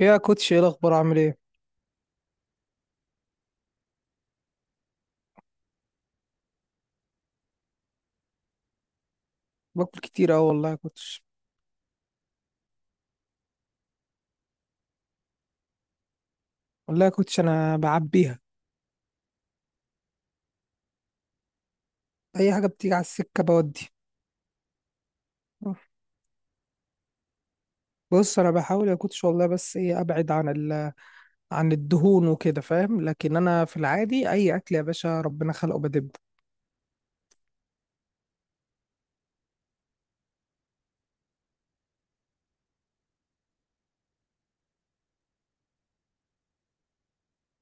ايه يا كوتش؟ ايه الاخبار؟ عامل ايه؟ باكل كتير اوي والله يا كوتش. والله يا كوتش، انا بعبيها. اي حاجه بتيجي على السكه بودي. بص، انا بحاول يا كوتش والله، بس ايه، ابعد عن الدهون وكده فاهم. لكن انا في العادي اي اكل يا باشا ربنا خلقه بدب.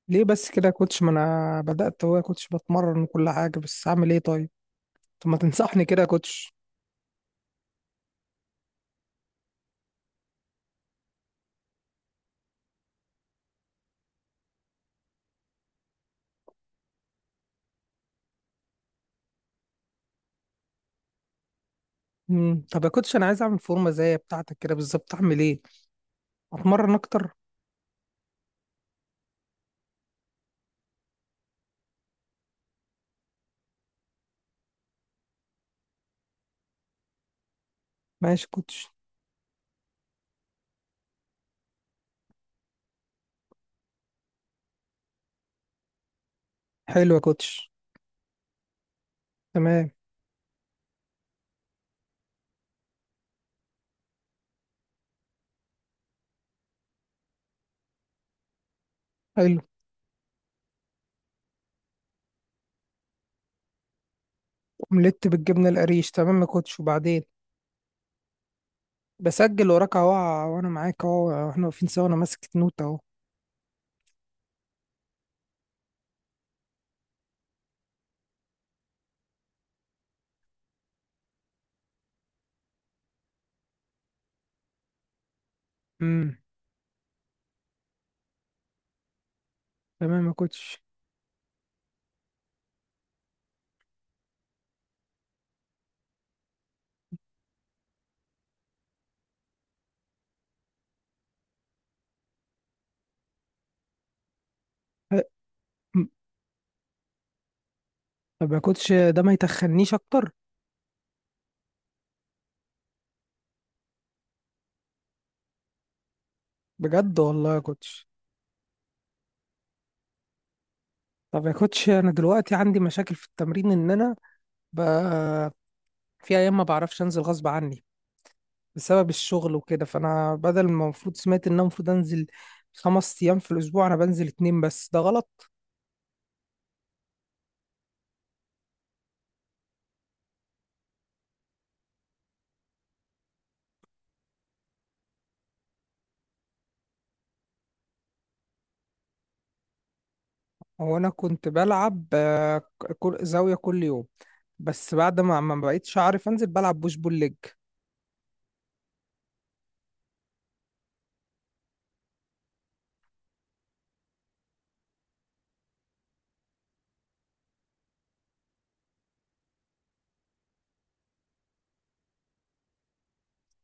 ليه بس كده يا كوتش؟ ما انا بدات، هو يا كوتش بتمرن وكل حاجه، بس اعمل ايه طيب؟ طب ما تنصحني كده يا كوتش؟ مم. طب يا كوتش، انا عايز اعمل فورمه زي بتاعتك كده بالظبط، اعمل ايه؟ اتمرن اكتر؟ ماشي يا كوتش. حلو يا كوتش. تمام. حلو. اومليت بالجبنه القريش، تمام يا كوتش، وبعدين؟ بسجل وراك اهو. وانا معاك اهو، احنا واقفين سوا، انا ماسك نوت اهو. امم. تمام يا كوتش. أه، م- طب يا كوتش، ده ما يتخنيش اكتر؟ بجد والله يا كوتش؟ طب يا كوتش، انا دلوقتي عندي مشاكل في التمرين، ان انا ب... في ايام ما بعرفش انزل غصب عني بسبب الشغل وكده، فانا بدل ما المفروض، سمعت ان انا المفروض انزل 5 ايام في الاسبوع، انا بنزل 2 بس، ده غلط. هو انا كنت بلعب زاويه كل يوم، بس بعد ما بقيتش عارف انزل، بلعب بوش بول ليج.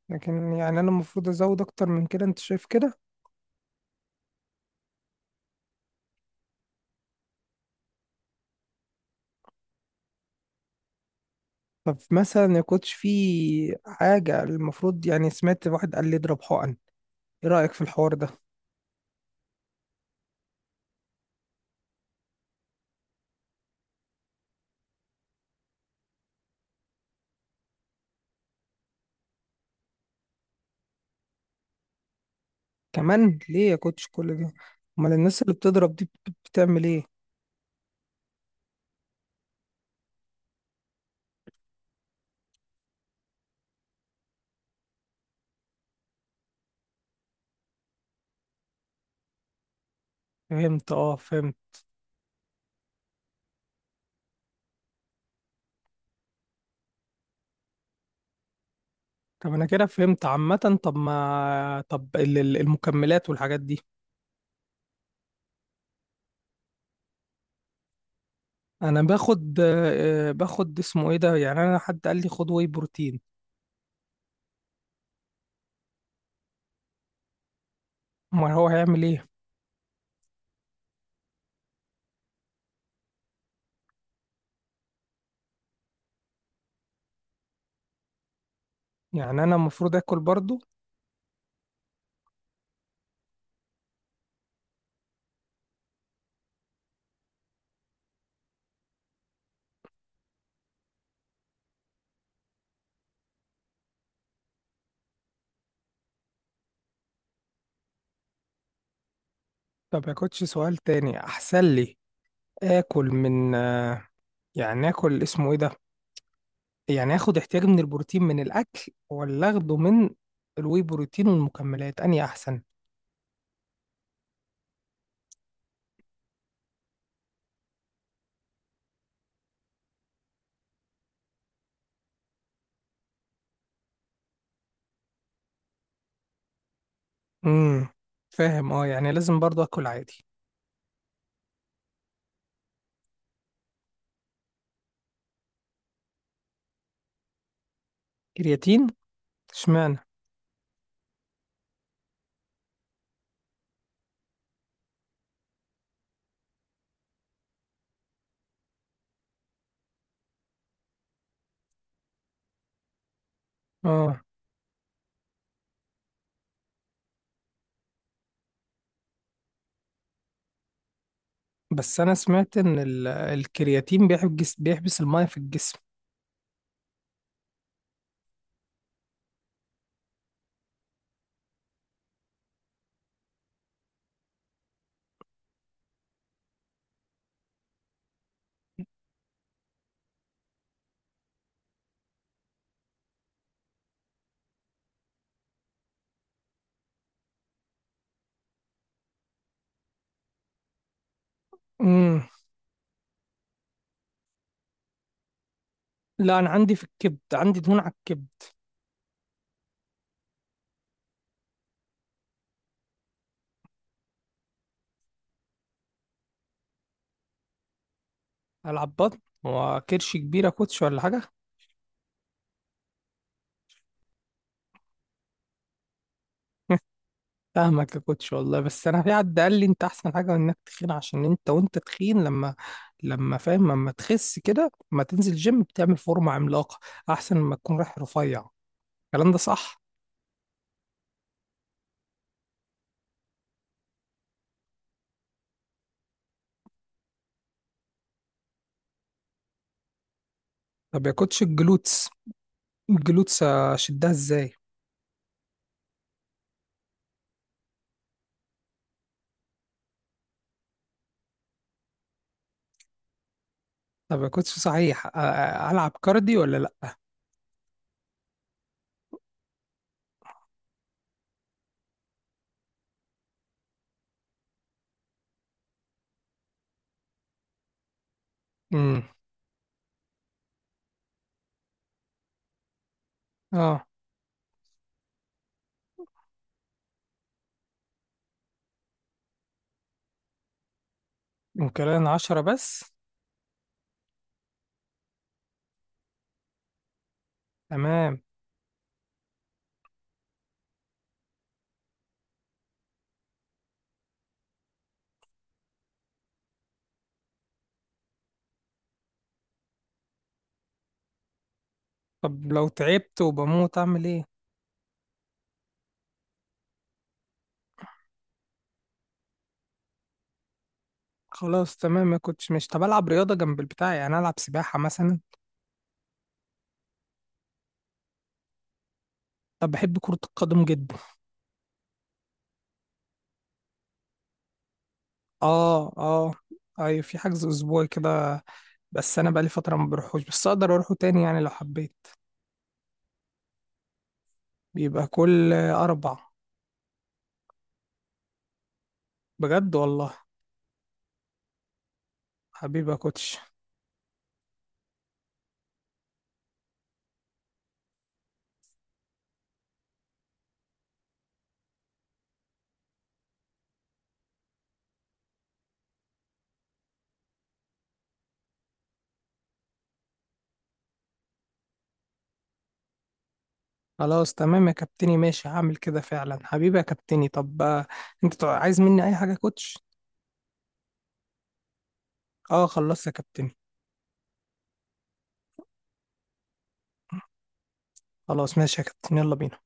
لكن يعني انا المفروض ازود اكتر من كده، انت شايف كده؟ فمثلا ما كنتش في حاجه المفروض، يعني سمعت واحد قال لي اضرب حقن، ايه رايك في الحوار ده؟ كمان ليه يا كوتش كل ده؟ امال الناس اللي بتضرب دي بتعمل ايه؟ فهمت، اه، فهمت. طب انا كده فهمت عامه. طب ما طب، المكملات والحاجات دي؟ انا باخد اسمه ايه ده، يعني انا حد قال لي خد واي بروتين. ما هو هيعمل ايه؟ يعني انا المفروض اكل برضو؟ ما باكلش؟ سؤال تاني احسن لي. اكل من يعني اكل اسمه ايه ده؟ يعني اخد احتياجي من البروتين من الاكل، ولا اخده من الواي بروتين والمكملات اني احسن؟ امم. فاهم، اه، يعني لازم برضو اكل عادي؟ كرياتين؟ اشمعنى؟ اه. بس انا سمعت ان الكرياتين بيحبس الميه في الجسم. مم. لا، انا عندي في الكبد، عندي دهون على الكبد. العب بطن؟ هو كرش كبيره يا كوتش ولا حاجه؟ فاهمك يا كوتش والله، بس انا في حد قال لي انت احسن حاجه انك تخين، عشان انت وانت تخين لما فاهم، لما تخس كده، لما تنزل جيم بتعمل فورمه عملاقه، احسن ما تكون رايح رفيع. الكلام ده صح؟ طب يا كوتش، الجلوتس، الجلوتس اشدها ازاي؟ طب يا كوتش صحيح، العب كارديو ولا لا؟ امم. اه. ممكن 10 بس؟ تمام. طب لو تعبت وبموت اعمل ايه؟ خلاص تمام، ما كنتش مش، طب العب رياضه جنب البتاع، يعني العب سباحه مثلا؟ طب بحب كره القدم جدا. اه، اه. ايوه، في حجز اسبوعي كده. بس انا بقالي فتره ما بروحوش، بس اقدر اروحه تاني يعني لو حبيت. بيبقى كل اربع. بجد والله. حبيبي يا كوتش. خلاص تمام يا كابتني، ماشي هعمل كده فعلا، حبيبي يا كابتني. طب انت عايز مني اي حاجه يا كوتش؟ اه، خلصت يا كابتني. خلاص ماشي يا كابتن، يلا بينا.